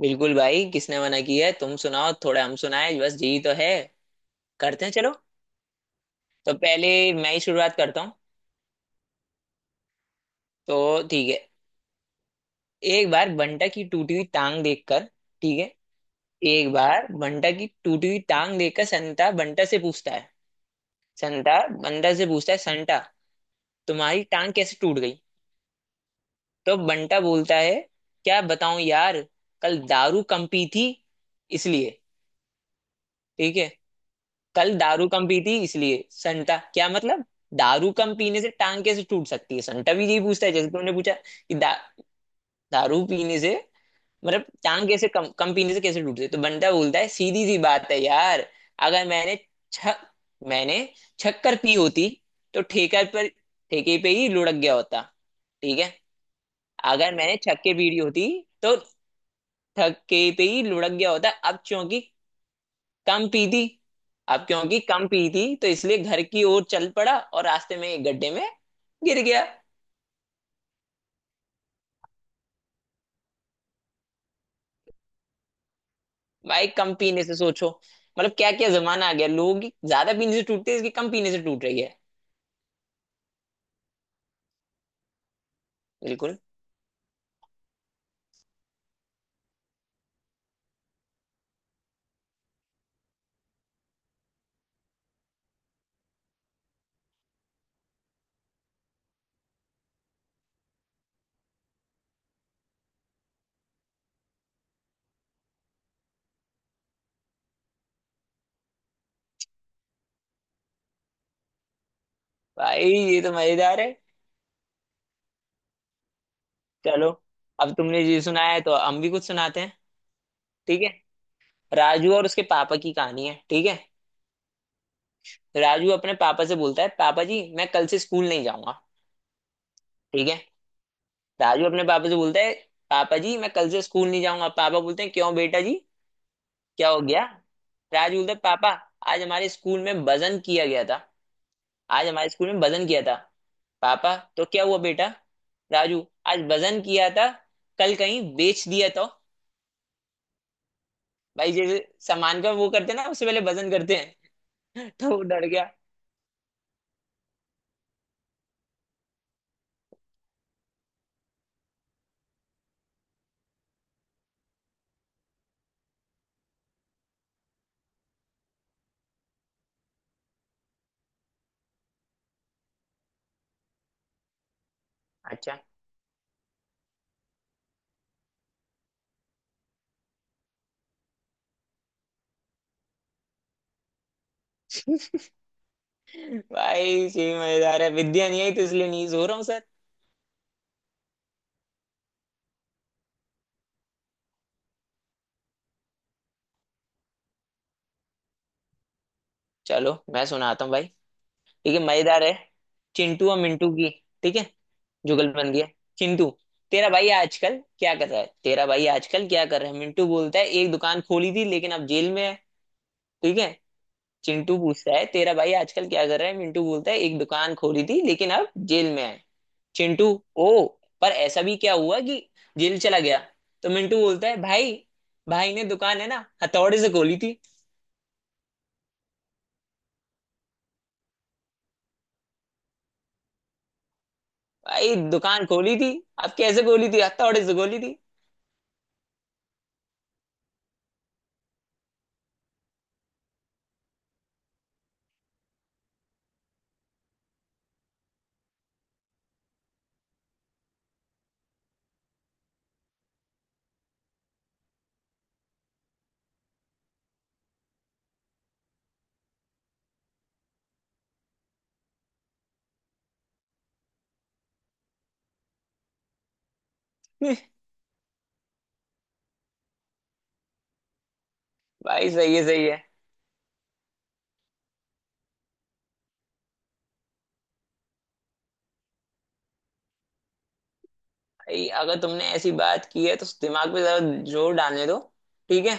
बिल्कुल भाई, किसने मना किया है? तुम सुनाओ, थोड़ा हम सुनाए। बस जी, तो है। करते हैं, चलो। तो पहले मैं ही शुरुआत करता हूँ। तो ठीक है। एक बार बंटा की टूटी हुई टांग देखकर। ठीक है। एक बार बंटा की टूटी हुई टांग देखकर संता बंटा से पूछता है, संता बंटा से पूछता है, संता, तुम्हारी टांग कैसे टूट गई? तो बंटा बोलता है, क्या बताऊं यार, कल दारू कम पी थी इसलिए। ठीक है। कल दारू कम पी थी इसलिए। संटा, क्या मतलब? दारू कम पीने से टांग कैसे टूट सकती है? संटा भी यही पूछता है जैसे तुमने पूछा, कि दारू पीने से मतलब टांग कैसे, कम कम पीने से कैसे टूट सकती है? तो बंटा बोलता है, सीधी सी बात है यार। अगर मैंने छ मैंने शक्कर पी होती तो ठेकर पर, ठेके पे ही लुढ़क गया होता। ठीक है। अगर मैंने छक्के पीड़ी होती तो ठक्के पे ही लुढ़क गया होता। अब चूंकि कम पी थी, अब क्योंकि कम पी थी तो इसलिए घर की ओर चल पड़ा और रास्ते में एक गड्ढे में गिर गया। भाई, कम पीने से सोचो, मतलब क्या क्या जमाना आ गया। लोगों की ज्यादा पीने से टूटती है, इसकी कम पीने से टूट रही है। बिल्कुल। भाई ये तो मजेदार है। चलो, अब तुमने ये सुनाया है तो हम भी कुछ सुनाते हैं। ठीक है। राजू और उसके पापा की कहानी है। ठीक है। राजू अपने पापा से बोलता है, पापा जी मैं कल से स्कूल नहीं जाऊंगा। ठीक है। राजू अपने पापा से बोलता है, पापा जी मैं कल से स्कूल नहीं जाऊंगा। पापा बोलते हैं, क्यों बेटा जी, क्या हो गया? राजू बोलते, पापा आज हमारे स्कूल में वजन किया गया था। आज हमारे स्कूल में वजन किया था। पापा, तो क्या हुआ बेटा? राजू, आज वजन किया था, कल कहीं बेच दिया तो? भाई जैसे सामान का वो करते हैं ना, उससे पहले वजन करते हैं। तो वो डर गया। अच्छा। भाई, सही मजेदार है। विद्या नहीं आई तो इसलिए नहीं सो रहा हूँ सर। चलो मैं सुनाता हूँ भाई। ठीक है, मजेदार है। चिंटू और मिंटू की। ठीक है। जुगल बन गया। चिंटू, तेरा भाई आजकल क्या कर रहा है? तेरा भाई आजकल क्या कर रहा है? मिंटू बोलता है, एक दुकान खोली थी लेकिन अब जेल में है। ठीक है। चिंटू पूछता है, तेरा भाई आजकल क्या कर रहा है? मिंटू बोलता है, एक दुकान खोली थी लेकिन अब जेल में है। चिंटू, ओ, पर ऐसा भी क्या हुआ कि जेल चला गया? तो मिंटू बोलता है, भाई, भाई ने दुकान है ना हथौड़े से खोली थी। भाई, दुकान खोली थी, अब कैसे खोली थी? हथौड़े से खोली थी। भाई, सही है सही है। भाई अगर तुमने ऐसी बात की है तो दिमाग पे जरा जोर डालने दो। ठीक है।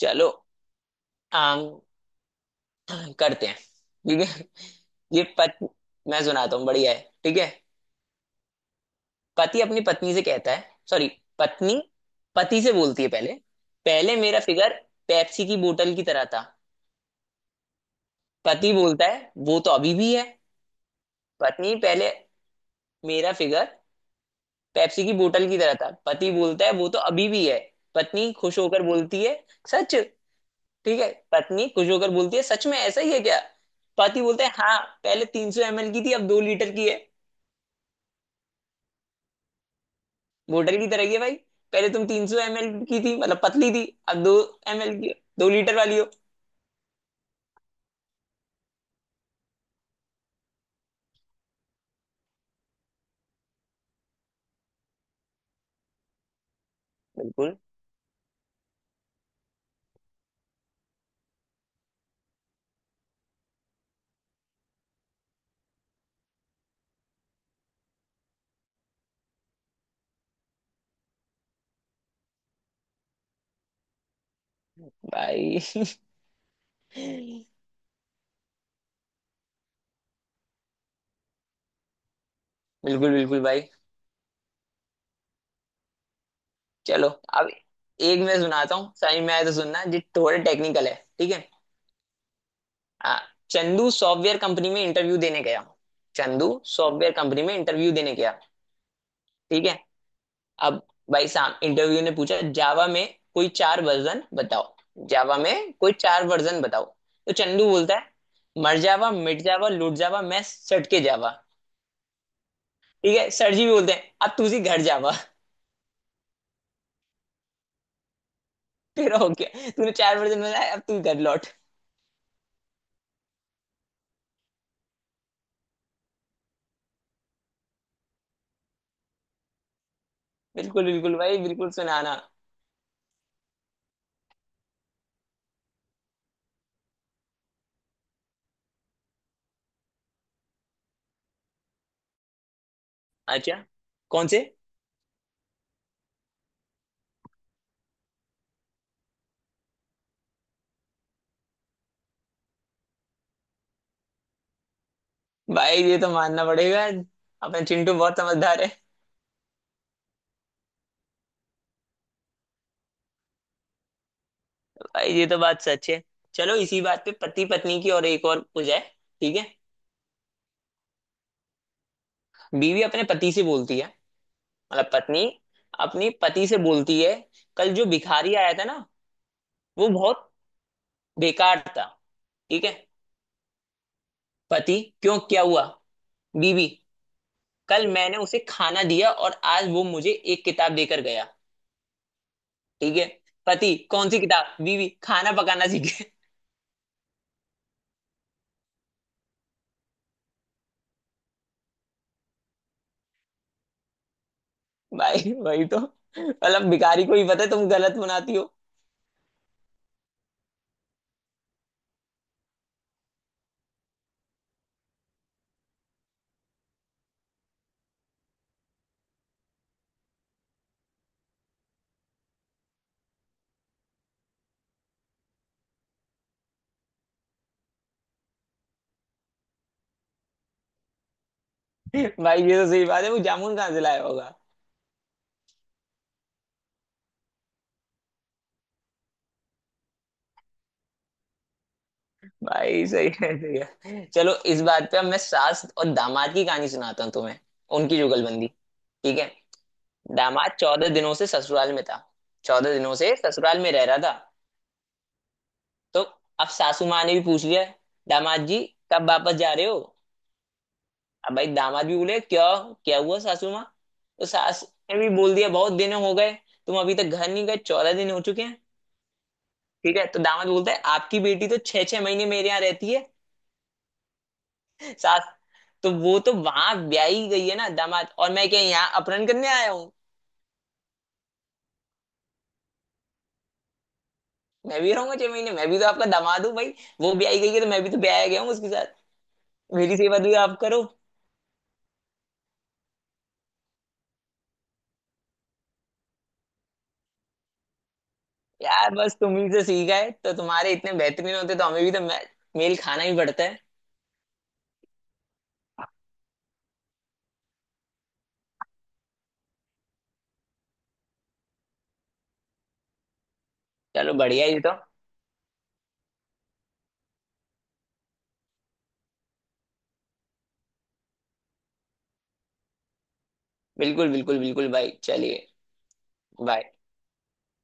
चलो, आम करते हैं। ठीक है। ये पत मैं सुनाता हूँ, बढ़िया है। ठीक है। पति अपनी पत्नी से कहता है, सॉरी, पत्नी पति से बोलती है, पहले, पहले मेरा फिगर पेप्सी की बोतल की तरह था। पति बोलता है, वो तो अभी भी है। पत्नी, पहले मेरा फिगर पेप्सी की बोतल की तरह था। पति बोलता है, वो तो अभी भी है। पत्नी खुश होकर बोलती है, सच? ठीक है। पत्नी खुशबू होकर बोलती है, सच में ऐसा ही है क्या? पति बोलते हैं, हाँ, पहले 300 एमएल की थी, अब 2 लीटर की है। वोटर की तरह ही है भाई। पहले तुम 300 एमएल की थी, मतलब पतली थी, अब दो एमएल की, 2 लीटर वाली हो। बिल्कुल भाई। बिल्कुल बिल्कुल भाई। चलो, अब एक मैं सुनाता हूँ, समझ में आया तो सुनना जी, थोड़ा टेक्निकल है। ठीक है। हाँ, चंदू सॉफ्टवेयर कंपनी में इंटरव्यू देने गया। चंदू सॉफ्टवेयर कंपनी में इंटरव्यू देने गया। ठीक है। अब भाई साहब इंटरव्यू ने पूछा, जावा में कोई 4 वर्जन बताओ, जावा में कोई 4 वर्जन बताओ। तो चंदू बोलता है, मर जावा, मिट जावा, लूट जावा, मैं सट के जावा। ठीक है। सर जी भी बोलते हैं, अब तू सी घर जावा। तेरा हो गया, तूने 4 वर्जन बताया, अब तू घर लौट। बिल्कुल बिल्कुल भाई, बिल्कुल सुनाना। अच्छा। कौन से भाई? ये तो मानना पड़ेगा, अपना चिंटू बहुत समझदार है। भाई ये तो बात सच है। चलो इसी बात पे पति पत्नी की और एक और हो जाए। ठीक है। बीवी अपने पति से बोलती है, मतलब पत्नी अपनी पति से बोलती है, कल जो भिखारी आया था ना, वो बहुत बेकार था। ठीक है। पति, क्यों क्या हुआ? बीवी, कल मैंने उसे खाना दिया और आज वो मुझे एक किताब देकर गया। ठीक है। पति, कौन सी किताब? बीवी, खाना पकाना सीखे। भाई वही तो, मतलब भिखारी को ही पता है तुम गलत बनाती हो। भाई ये तो सही बात है, वो जामुन कहाँ से लाया होगा। भाई सही है, सही है। चलो इस बात पे अब मैं सास और दामाद की कहानी सुनाता हूँ तुम्हें, उनकी जुगलबंदी। ठीक है। दामाद 14 दिनों से ससुराल में था। 14 दिनों से ससुराल में रह रहा था। तो अब सासू माँ ने भी पूछ लिया, दामाद जी कब वापस जा रहे हो? अब भाई दामाद भी बोले, क्यों क्या हुआ सासू माँ? तो सास ने भी बोल दिया, बहुत दिन हो गए, तुम अभी तक घर नहीं गए, 14 दिन हो चुके हैं। ठीक है। तो दामाद बोलता है, आपकी बेटी तो छह छह महीने मेरे यहाँ रहती है। सास, तो वो तो वहां ब्याही गई है ना दामाद, और मैं क्या यहाँ अपहरण करने आया हूँ? मैं भी रहूंगा 6 महीने, मैं भी तो आपका दामाद हूँ भाई, वो ब्याही गई है तो मैं भी तो ब्याया गया हूँ उसके साथ। मेरी सेवा भी आप करो। यार, बस तुम ही से सीखा है तो, तुम्हारे इतने बेहतरीन होते तो हमें भी तो मेल खाना ही पड़ता है। चलो बढ़िया ही तो। बिल्कुल बिल्कुल बिल्कुल भाई, चलिए। बाय।